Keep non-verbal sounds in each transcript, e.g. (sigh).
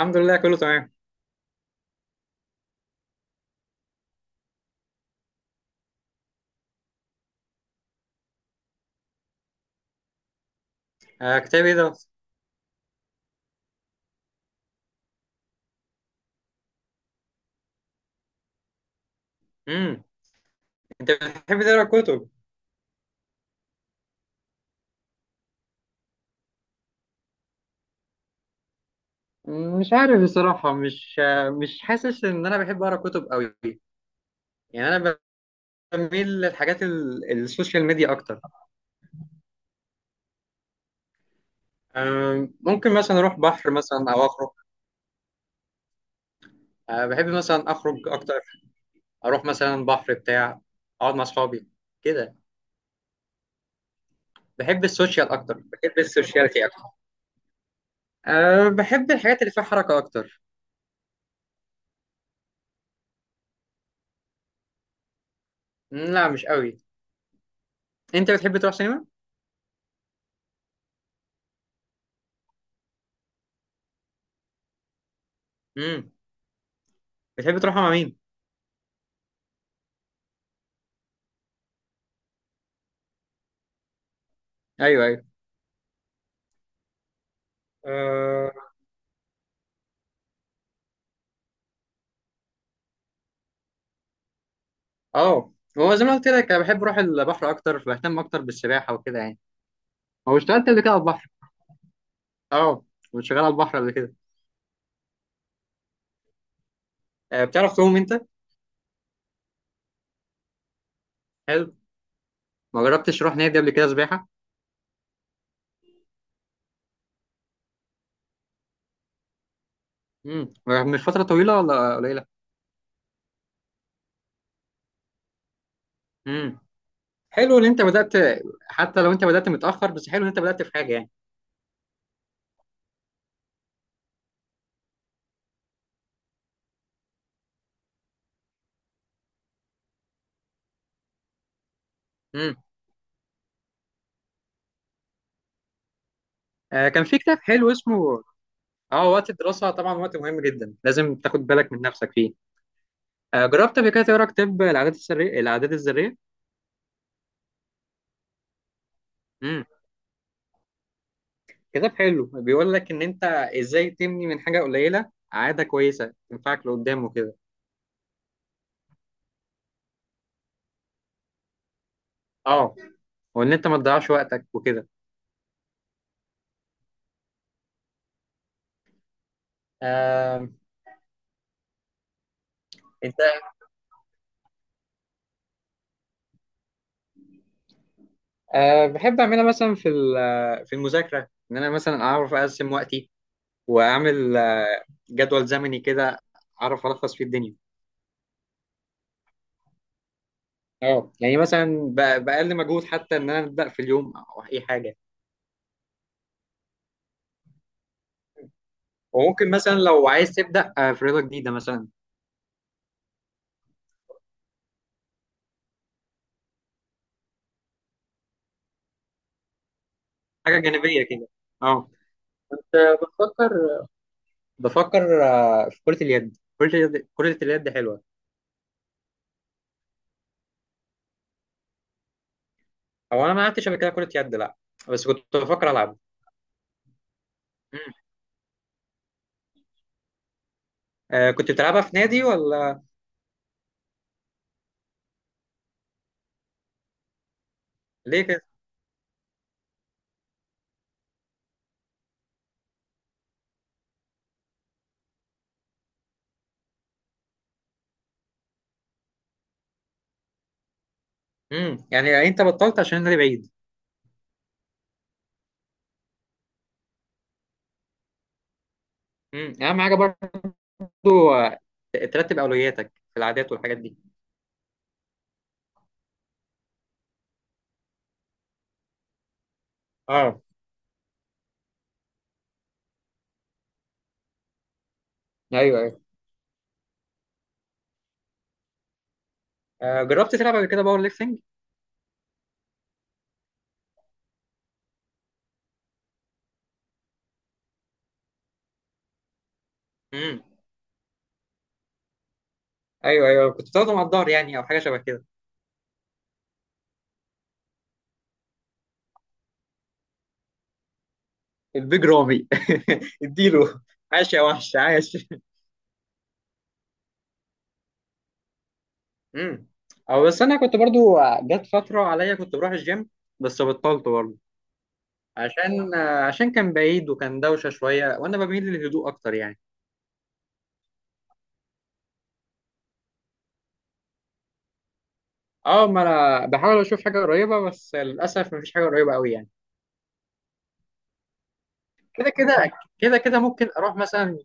الحمد لله كله تمام. آه، كتاب ايه ده؟ امم انت بتحب تقرا كتب؟ مش عارف بصراحة، مش مش حاسس ان انا بحب اقرا كتب قوي. يعني انا بميل السوشيال ميديا اكتر. آه، ممكن مثلا اروح بحر مثلا او اخرج. آه، بحب مثلا اخرج اكتر، اروح مثلا بحر بتاع، اقعد مع اصحابي كده. بحب السوشيال اكتر، بحب السوشياليتي اكتر. آه، بحب الحاجات اللي فيها حركة اكتر. لا مش قوي. انت بتحب تروح سينما؟ امم بتحب تروح مع مين؟ ايوه ايوه. اه. آه. هو زي ما قلت لك انا بحب اروح البحر اكتر، بهتم اكتر بالسباحه وكده يعني. هو اشتغلت قبل كده على البحر. اه، كنت شغال على البحر قبل كده. آه، بتعرف تعوم انت؟ حلو. ما جربتش اروح نادي قبل كده سباحه. مش فتره طويله ولا قليله؟ امم. حلو ان انت بدات، حتى لو انت بدات متاخر، بس حلو ان انت بدات في حاجه يعني. امم. آه، كان في كتاب حلو اسمه. اه وقت الدراسه طبعا وقت مهم جدا، لازم تاخد بالك من نفسك فيه. آه، جربت قبل كده تقرا كتاب العادات السرية، العادات الذريه؟ كتاب حلو، بيقول لك ان انت ازاي تبني من حاجه قليله عاده كويسه تنفعك لقدام وكده. اه، وان انت ما تضيعش وقتك وكده. آه، انت. آه، بحب اعملها مثلا في المذاكره، ان انا مثلا اعرف اقسم وقتي واعمل جدول زمني كده، اعرف الخص فيه الدنيا. اه، يعني مثلا باقل مجهود، حتى ان انا ابدا في اليوم او اي حاجه. وممكن مثلا لو عايز تبدا في رياضه جديده مثلا، حاجه جانبيه كده. اه، كنت بفكر، بفكر في كرة اليد، كرة اليد، كرة اليد حلوة. هو أنا ما لعبتش قبل كده كرة يد لا، بس كنت بفكر ألعب. مم. آه، كنت بتلعبها في نادي ولا؟ ليه كده؟ مم. يعني أنت بطلت عشان النادي بعيد؟ مم. أهم حاجة برضو. آه، ترتب أولوياتك في العادات والحاجات دي. اه. ايوه ايوه. آه، جربت تلعب قبل كده باور ليفتنج؟ امم. ايوه ايوه، كنت بتاخده مع الظهر يعني، او حاجه شبه كده؟ البيج رامي (laughs) اديله، عاش يا وحش عاش. امم. او بس انا كنت برضو جت فتره عليا كنت بروح الجيم، بس بطلت برضو. عشان كان بعيد وكان دوشه شويه وانا بميل للهدوء اكتر يعني. اه، ما انا بحاول اشوف حاجه قريبه، بس للاسف مفيش حاجه قريبه قوي يعني. كده كده. كده كده ممكن اروح مثلا،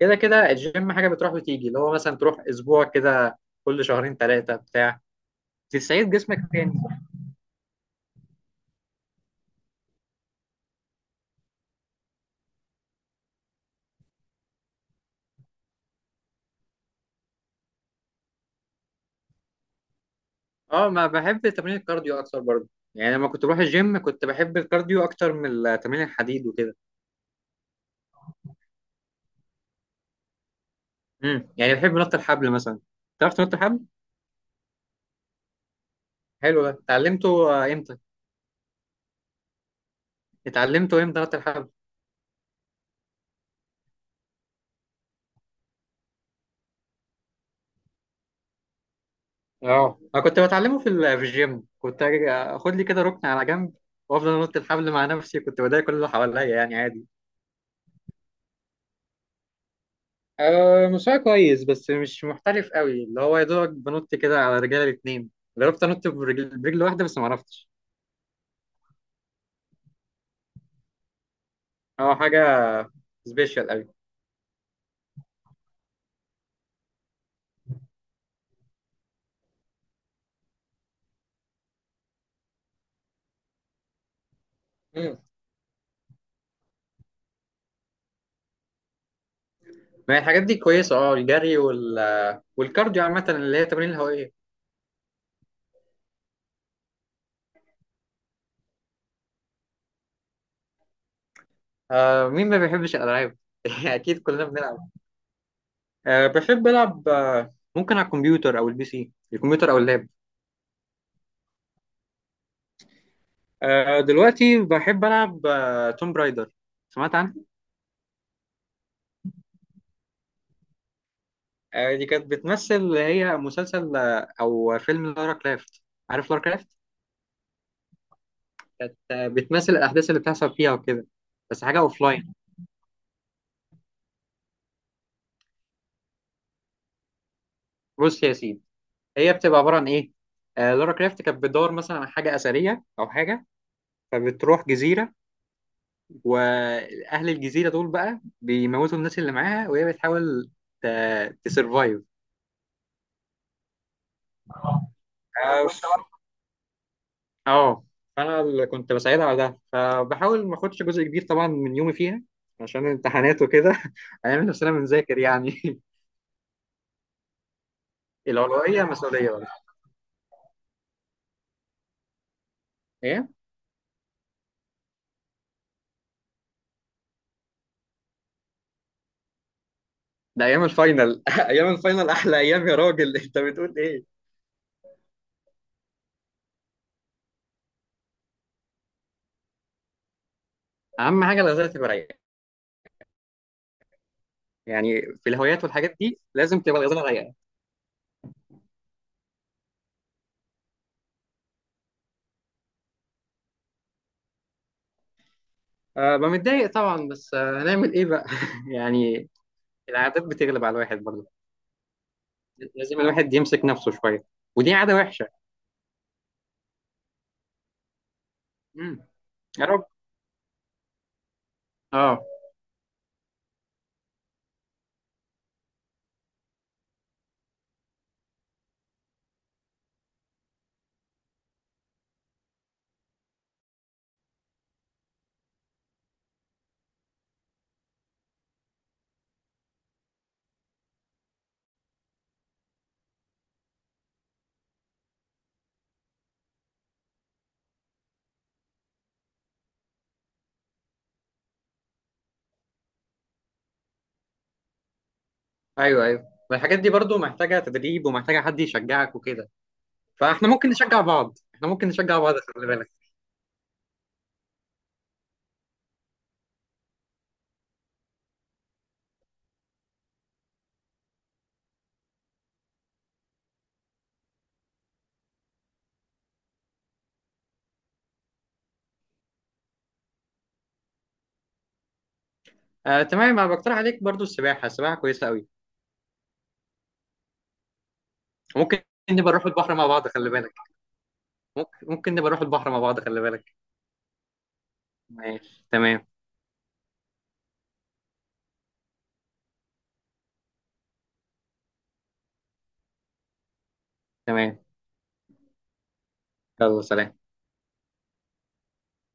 كده كده الجيم حاجه بتروح وتيجي، اللي هو مثلا تروح اسبوع كده كل شهرين ثلاثه بتاع، تستعيد جسمك تاني. اه، ما بحب تمرين الكارديو اكتر برضو، يعني لما كنت بروح الجيم كنت بحب الكارديو اكتر من تمرين الحديد وكده. امم، يعني بحب نط الحبل مثلا. تعرف تنط الحبل؟ حلو ده، اتعلمته امتى؟ اتعلمته امتى نط الحبل؟ اه، انا كنت بتعلمه في الجيم، كنت أجي اخد لي كده ركن على جنب وافضل انط الحبل مع نفسي، كنت بضايق كل اللي حواليا يعني عادي. أه مستواي كويس بس مش محترف قوي، اللي هو يا دوبك بنط كده على رجلي الاتنين. جربت انط برجل, برجل واحده بس ما عرفتش. اه، حاجه سبيشال قوي. مم. ما هي الحاجات دي كويسه، اه الجري والكارديو عامه، اللي هي التمارين الهوائيه. آه، مين ما بيحبش الألعاب؟ (laughs) أكيد كلنا بنلعب. آه، بحب ألعب. آه، ممكن على الكمبيوتر أو البي سي، الكمبيوتر أو اللاب. آه، دلوقتي بحب ألعب آه توم برايدر. سمعت عنها؟ آه، دي كانت بتمثل اللي هي مسلسل آه أو فيلم لارا كرافت. عارف لارا كرافت؟ كانت آه بتمثل الأحداث اللي بتحصل فيها وكده. بس حاجة أوفلاين. بص يا سيدي، هي بتبقى عبارة عن إيه؟ آه، لارا كرافت كانت بتدور مثلا على حاجة أثرية أو حاجة، فبتروح جزيرة، واهل الجزيره دول بقى بيموتوا الناس اللي معاها، وهي بتحاول تسرفايف. اه. آه. فانا اللي كنت بساعدها على ده، فبحاول ما اخدش جزء كبير طبعا من يومي فيها عشان الامتحانات وكده (laughs) هنعمل نفسنا بنذاكر يعني. (laughs) الأولوية مسؤولية برضه. ايه؟ ده ايام الفاينل (laughs) ايام الفاينل احلى ايام يا راجل (laughs) انت بتقول ايه؟ اهم حاجه الغزاله تبقى رايقه، يعني في الهوايات والحاجات دي لازم تبقى الغزاله رايقه. أه ببقى متضايق طبعا، بس آه، هنعمل ايه بقى؟ (laughs) يعني العادات بتغلب على الواحد برضه، لازم الواحد يمسك نفسه شويه، ودي عاده وحشه. امم. يا رب. اه ايوه ايوه، والحاجات دي برضه محتاجه تدريب ومحتاجه حد يشجعك وكده، فاحنا ممكن نشجع بعض، احنا ممكن نشجع بعض خلي بالك. آه تمام، انا بقترح عليك برضه السباحه، السباحه كويسه قوي. ممكن نبقى نروح البحر مع بعض خلي بالك. ممكن، ممكن نبقى نروح البحر مع بعض خلي بالك. ماشي تمام. تمام. يلا سلام.